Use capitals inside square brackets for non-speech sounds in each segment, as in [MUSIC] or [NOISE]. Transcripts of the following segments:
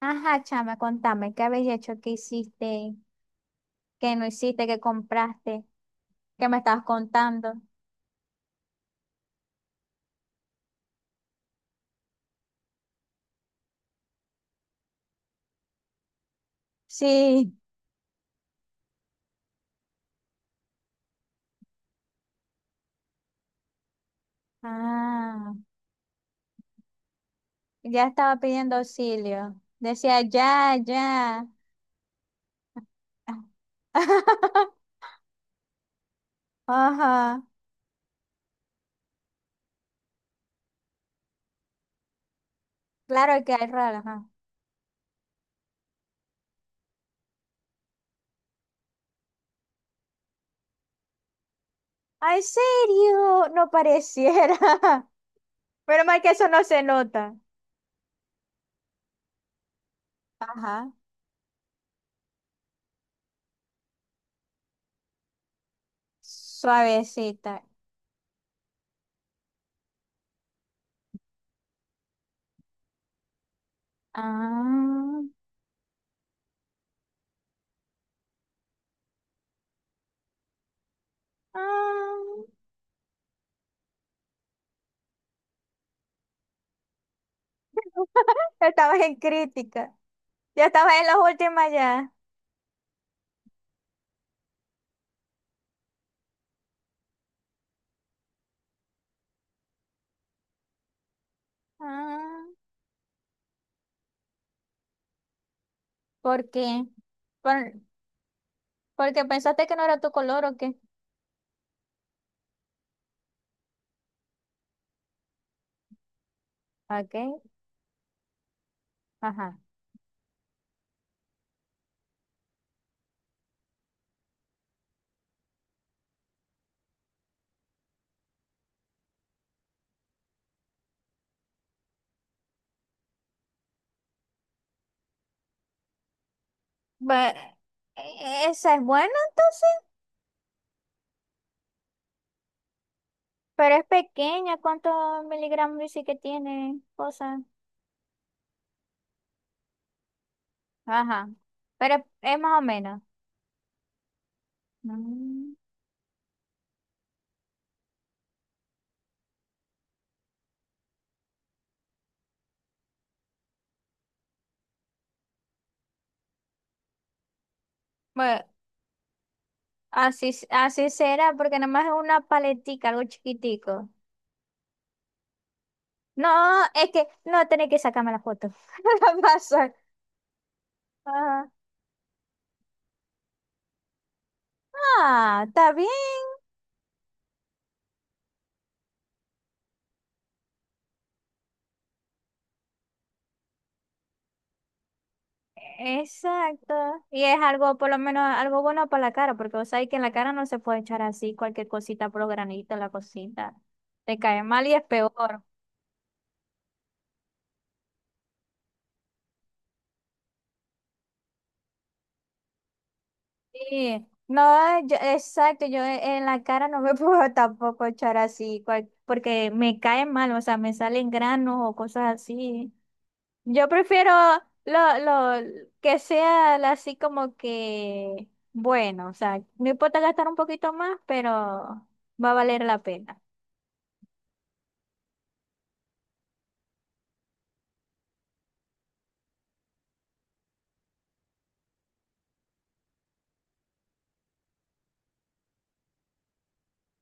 Ajá, chama, contame, ¿qué habéis hecho? ¿Qué hiciste? ¿Qué no hiciste? ¿Qué compraste? ¿Qué me estabas contando? Sí. Ah, ya estaba pidiendo auxilio. Decía, ya, ya. [LAUGHS] Ajá. Claro que hay raro, ajá. ¿En serio? No pareciera. [LAUGHS] Pero mal que eso no se nota. Ajá. Suavecita. Ah. Ah. [LAUGHS] Estabas en crítica. Ya estabas en las últimas ya. Ah, ¿por qué? Por- Porque pensaste que no era tu color o qué. Ok, ajá. Ba- Esa es buena entonces, pero es pequeña. ¿Cuántos miligramos dice que tiene? Cosa. Ajá. Pero es más o menos. Mm. Bueno, así, así será, porque nada más es una paletica, algo chiquitico. No, es que no tenés que sacarme la foto. [LAUGHS] La pasar. Ah, ah, está bien. Exacto. Y es algo, por lo menos, algo bueno para la cara, porque vos sabés que en la cara no se puede echar así cualquier cosita por los granitos, la cosita. Te cae mal y es peor. Sí. No, exacto, yo en la cara no me [LAUGHS] puedo tampoco echar así, porque me cae mal, o sea, me salen granos o cosas así. Yo prefiero lo, lo que sea así como que, bueno, o sea, no importa gastar un poquito más, pero va a valer la pena.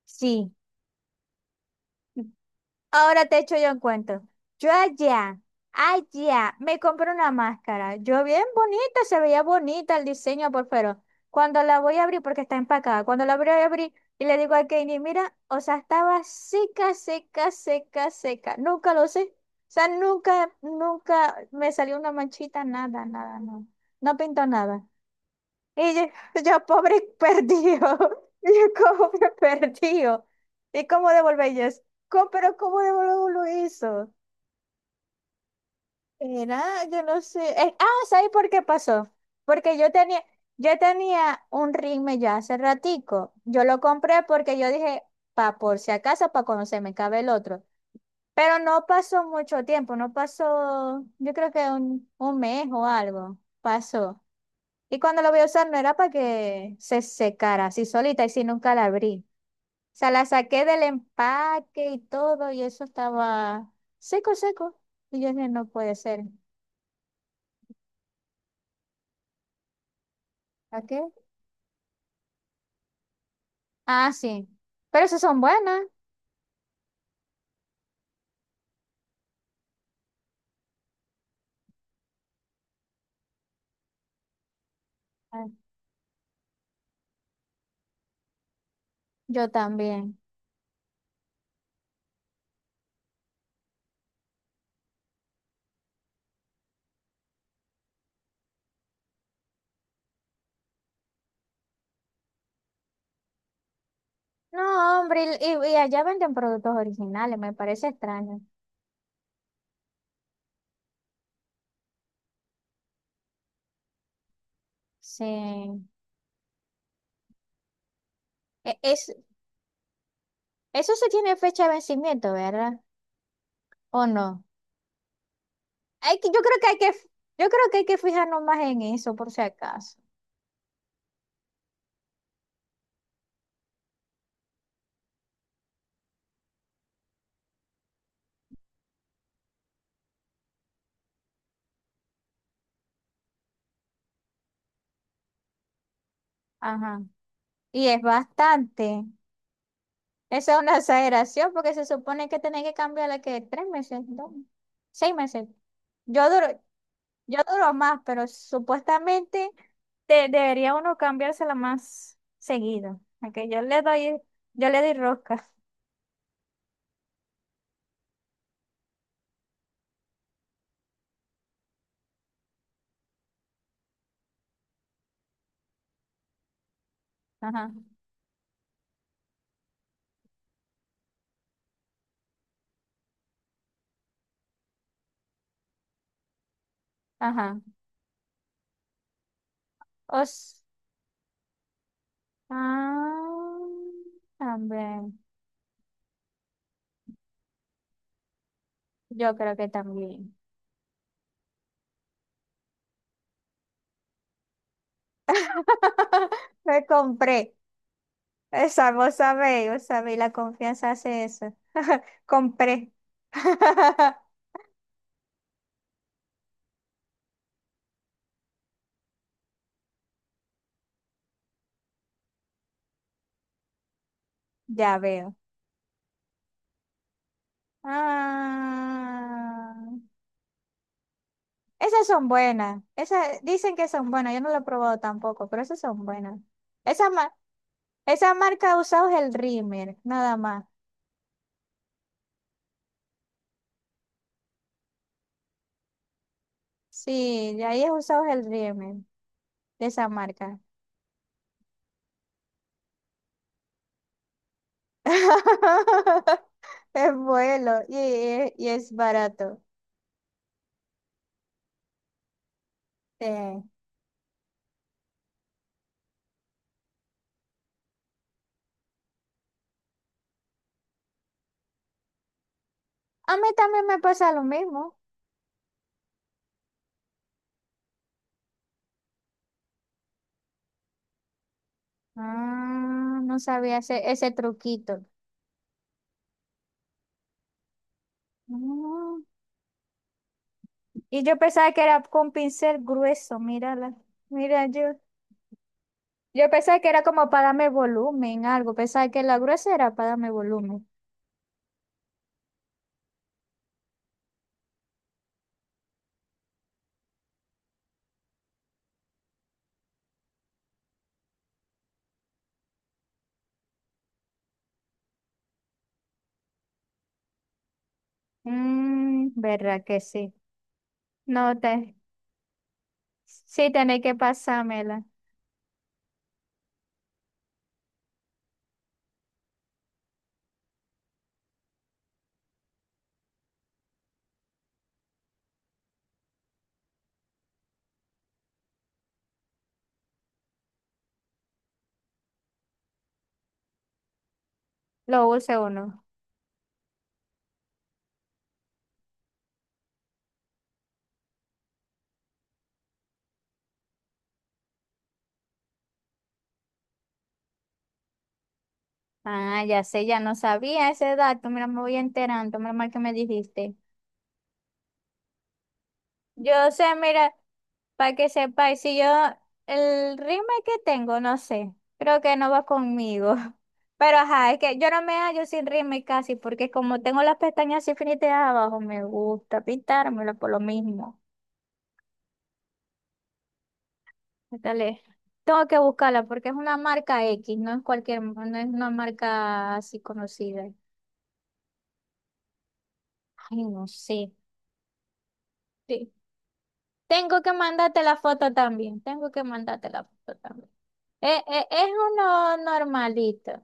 Sí, ahora te echo yo un cuento. Yo allá, me compré una máscara. Yo bien bonita, se veía bonita el diseño por fuera. Cuando la voy a abrir, porque está empacada, cuando la voy a abrir y le digo a Kenny, mira, o sea, estaba seca, seca, seca, seca. Nunca lo sé. O sea, nunca, nunca me salió una manchita, nada, nada, no. No pintó nada. Y yo, Pobre perdido, [LAUGHS] y yo como que perdido. ¿Y cómo devolver yo eso? ¿Pero cómo devolver lo hizo? Era, yo no sé. Ah, ¿sabes por qué pasó? Porque yo tenía, yo tenía un ritme ya hace ratico. Yo lo compré porque yo dije, pa, por si acaso, para cuando se me cabe el otro. Pero no pasó mucho tiempo, no pasó, yo creo que un mes o algo pasó. Y cuando la voy a usar no era para que se secara así solita y si nunca la abrí. O sea, la saqué del empaque y todo y eso estaba seco, seco. Y yo dije, no puede ser. ¿A qué? Ah, sí. Pero esas son buenas. Ah, yo también. No, hombre, y allá venden productos originales, me parece extraño. Sí. Es, eso se tiene fecha de vencimiento, ¿verdad? ¿O no? Hay que, yo creo que hay que, Yo creo que hay que fijarnos más en eso, por si acaso. Ajá. Y es bastante. Esa es una exageración porque se supone que tenés que cambiarla que tres meses, dos, seis meses. Yo duro, yo duro más, pero supuestamente debería uno cambiársela más seguido. Aunque yo le doy rosca. Ajá, ajá. Os, ah, también. Yo creo que también. [LAUGHS] Me compré. Esa, vos sabéis, la confianza hace eso. Compré. [LAUGHS] Ya veo. Ah, esas son buenas. Esas dicen que son buenas. Yo no lo he probado tampoco, pero esas son buenas. Esa, ma- Esa marca ha usado es el Rimmer, nada más. Sí, de ahí es usados el Rimmer, de esa marca. [LAUGHS] Es bueno y es barato. Sí. A mí también me pasa lo mismo. Ah, no sabía ese truquito. Mm. Y yo pensaba que era con pincel grueso, mírala. Mira, yo, yo pensaba que era como para darme volumen, algo. Pensaba que la gruesa era para darme volumen. Mm, verdad que sí. No te, Sí tenés que pasármela. Lo use uno. Ah, ya sé, ya no sabía ese dato. Mira, me voy enterando. Mira mal que me dijiste. Yo sé, mira, para que sepáis, si yo el ritmo que tengo, no sé, creo que no va conmigo. [LAUGHS] Pero ajá, es que yo no me hallo sin ritmo y casi, porque como tengo las pestañas así finitas abajo, me gusta pintármelo por lo mismo. Dale. Tengo que buscarla porque es una marca X, no es cualquier, no es una marca así conocida. Ay, no sé. Sí. Tengo que mandarte la foto también. Tengo que mandarte la foto también. Es uno normalito.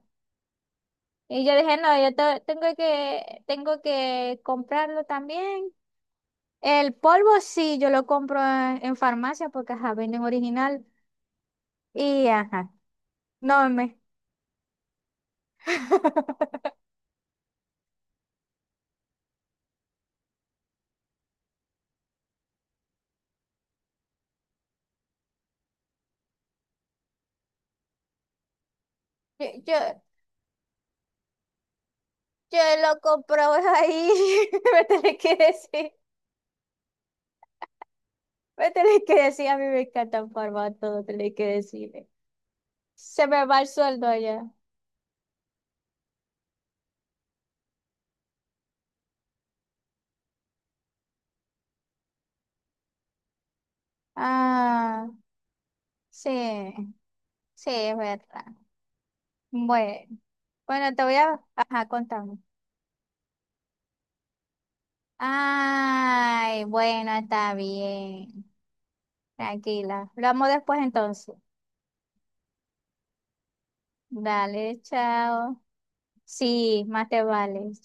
Y yo dije, no, tengo tengo que comprarlo también. El polvo sí, yo lo compro en farmacia porque, ajá, venden original. Y, ajá, no me... [LAUGHS] Yo, yo, yo lo compro ahí. [LAUGHS] Me tenés que decir, me tenés que decir, a mí me encanta el formato, tenés que decirme. Se me va el sueldo allá. Ah, sí, sí, es verdad. Bueno, bueno, te voy a, ajá, contar. Ay, bueno, está bien. Tranquila. Lo amo después entonces. Dale, chao. Sí, más te vale. Chao.